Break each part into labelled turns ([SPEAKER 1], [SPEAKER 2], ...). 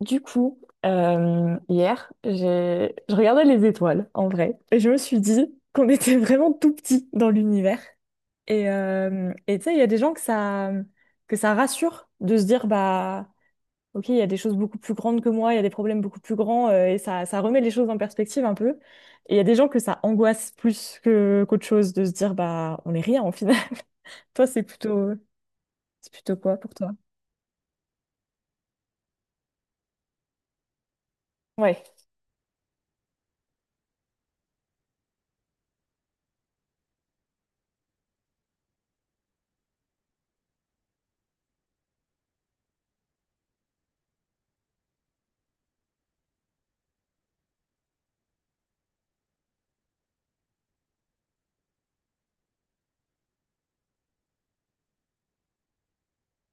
[SPEAKER 1] Du coup, hier, je regardais les étoiles, en vrai, et je me suis dit qu'on était vraiment tout petit dans l'univers. Et tu sais, il y a des gens que ça rassure de se dire, bah, ok, il y a des choses beaucoup plus grandes que moi, il y a des problèmes beaucoup plus grands, et ça remet les choses en perspective un peu. Et il y a des gens que ça angoisse plus que qu'autre chose de se dire, bah, on est rien en final. Toi, c'est plutôt quoi pour toi? Ouais,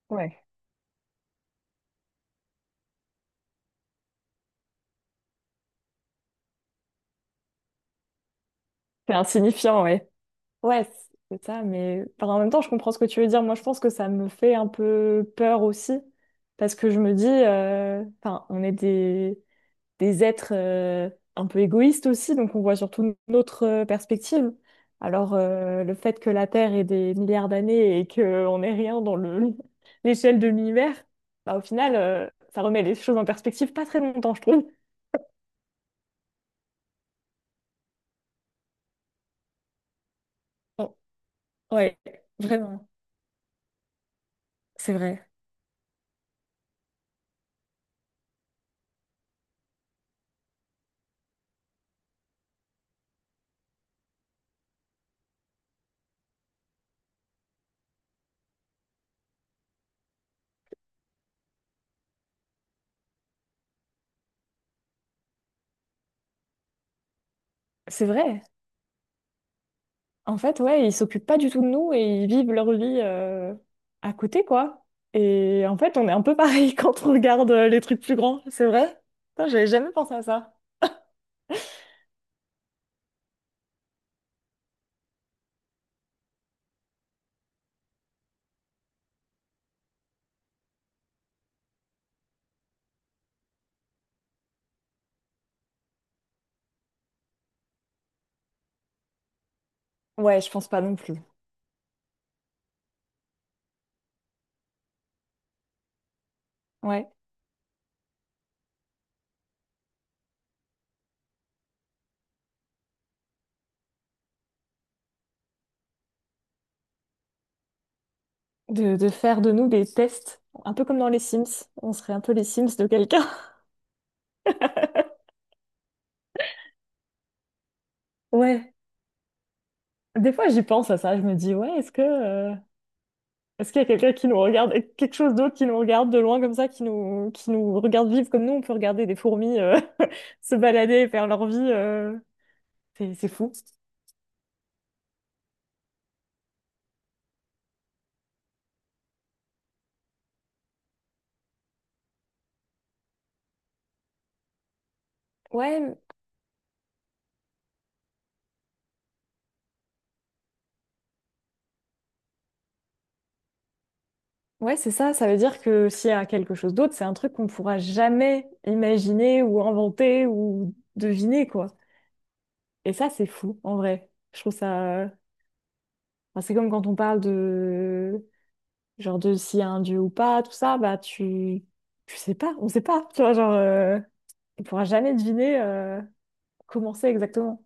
[SPEAKER 1] ouais. C'est insignifiant, ouais. Ouais, c'est ça, mais enfin, en même temps, je comprends ce que tu veux dire. Moi, je pense que ça me fait un peu peur aussi, parce que je me dis, enfin, on est des êtres un peu égoïstes aussi, donc on voit surtout notre perspective. Alors, le fait que la Terre ait des milliards d'années et qu'on n'est rien dans le l'échelle de l'univers, bah, au final, ça remet les choses en perspective pas très longtemps, je trouve. Bon, ouais, vraiment, c'est vrai. C'est vrai. En fait, ouais, ils s'occupent pas du tout de nous et ils vivent leur vie à côté, quoi. Et en fait, on est un peu pareil quand on regarde les trucs plus grands, c'est vrai? Putain, j'avais jamais pensé à ça. Ouais, je pense pas non plus. Ouais. De faire de nous des tests, un peu comme dans les Sims. On serait un peu les Sims de quelqu'un. Ouais. Des fois, j'y pense à ça. Je me dis, ouais, est-ce qu'il y a quelqu'un qui nous regarde, quelque chose d'autre qui nous regarde de loin comme ça, qui nous regarde vivre comme nous, on peut regarder des fourmis se balader et faire leur vie. C'est fou. Ouais, ouais, c'est ça. Ça veut dire que s'il y a quelque chose d'autre, c'est un truc qu'on ne pourra jamais imaginer ou inventer ou deviner, quoi. Et ça, c'est fou, en vrai. Je trouve ça… enfin, c'est comme quand on parle de… Genre de s'il y a un dieu ou pas, tout ça, bah tu… Tu sais pas, on sait pas. Tu vois, genre… On pourra jamais deviner comment c'est exactement.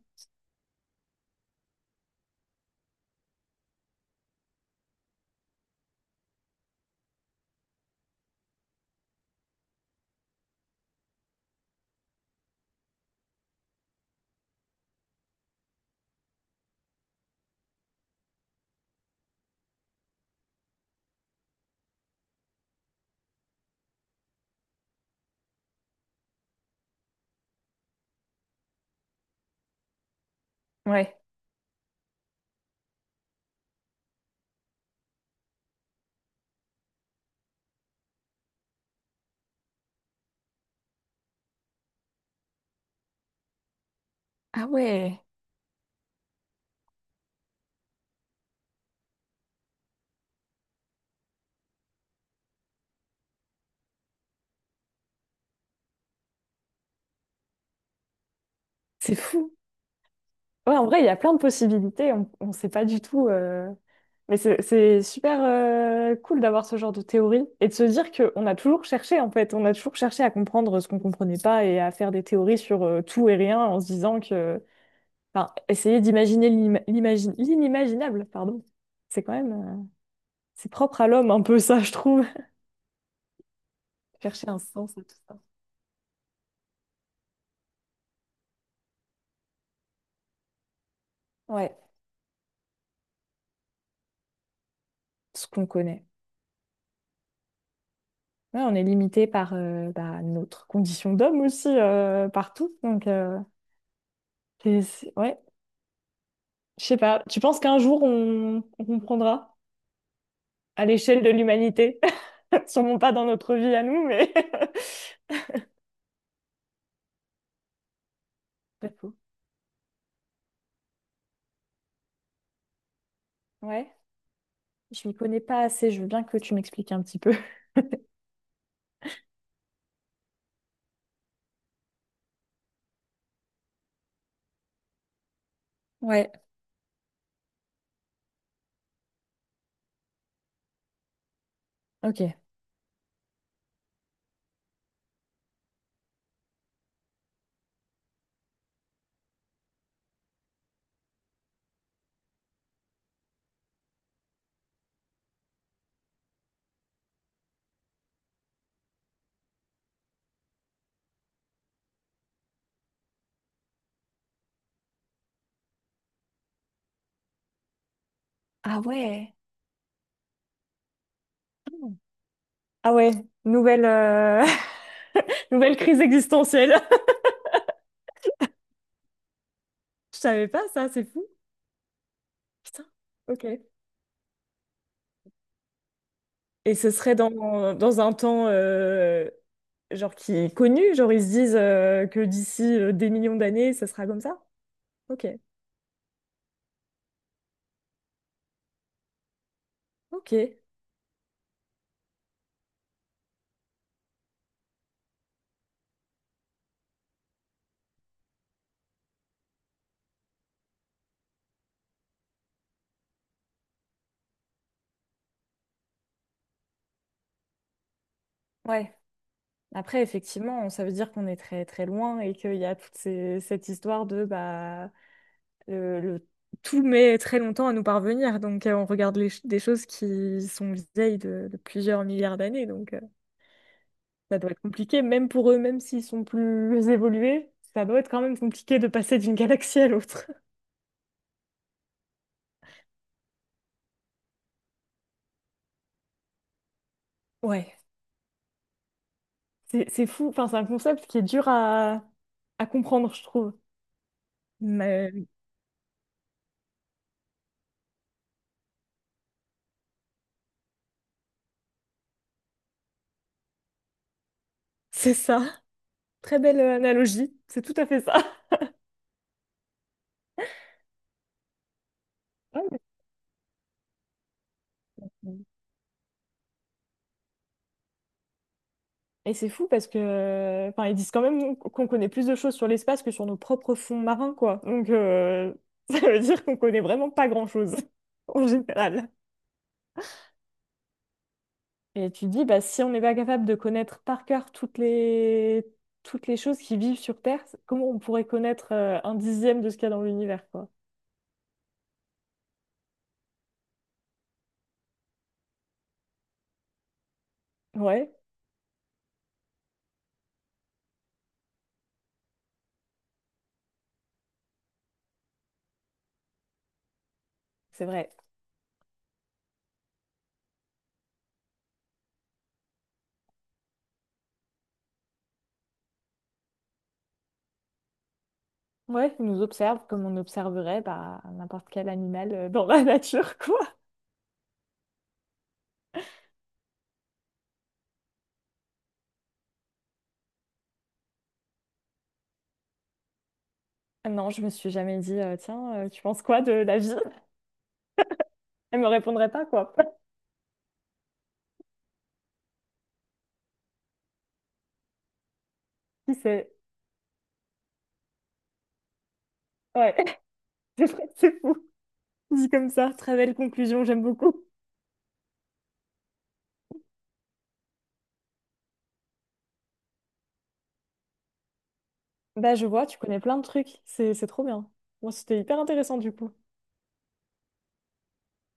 [SPEAKER 1] Ouais. Ah ouais, c'est fou. Ouais, en vrai, il y a plein de possibilités. On ne sait pas du tout. Mais c'est super cool d'avoir ce genre de théorie et de se dire qu'on a toujours cherché, en fait. On a toujours cherché à comprendre ce qu'on comprenait pas et à faire des théories sur tout et rien en se disant que. Enfin, essayer d'imaginer l'inimaginable, pardon. C'est quand même. C'est propre à l'homme, un peu ça, je trouve. Chercher un sens à tout ça. Ouais, ce qu'on connaît. Ouais, on est limité par bah, notre condition d'homme aussi, partout. Donc. Ouais, Je sais pas, tu penses qu'un jour on comprendra à l'échelle de l'humanité? Sûrement pas dans notre vie à nous, mais. Pas faux. Ouais, je m'y connais pas assez, je veux bien que tu m'expliques un petit peu. Ouais. Ok. Ah ouais. Mm. Ah ouais, nouvelle, euh, nouvelle crise existentielle. Je savais pas ça, c'est fou. Putain. Ok. Et ce serait dans, dans un temps genre qui est connu, genre ils se disent que d'ici des millions d'années, ça sera comme ça. Ok. Ok. Ouais. Après, effectivement, ça veut dire qu'on est très très loin et qu'il y a cette histoire de bah le, le- tout met très longtemps à nous parvenir. Donc on regarde des choses qui sont vieilles de plusieurs milliards d'années. Donc ça doit être compliqué, même pour eux, même s'ils sont plus évolués, ça doit être quand même compliqué de passer d'une galaxie à l'autre. Ouais, c'est fou. Enfin, c'est un concept qui est dur à comprendre, je trouve. Mais c'est ça. Très belle analogie. C'est tout à fait ça. Ouais, et c'est fou parce que, enfin, ils disent quand même qu'on connaît plus de choses sur l'espace que sur nos propres fonds marins, quoi. Donc, ça veut dire qu'on connaît vraiment pas grand-chose, en général. Et tu te dis, bah, si on n'est pas capable de connaître par cœur toutes les choses qui vivent sur Terre, comment on pourrait connaître un dixième de ce qu'il y a dans l'univers, quoi? Ouais, c'est vrai. Ouais, ils nous observent comme on observerait bah, n'importe quel animal dans la nature, quoi. Non, je me suis jamais dit, tiens, tu penses quoi de la vie? Elle me répondrait pas, quoi. Si, c'est… Ouais, c'est vrai, c'est fou. Dit comme ça, très belle conclusion, j'aime beaucoup. Bah, je vois, tu connais plein de trucs. C'est trop bien. Moi, c'était hyper intéressant, du coup.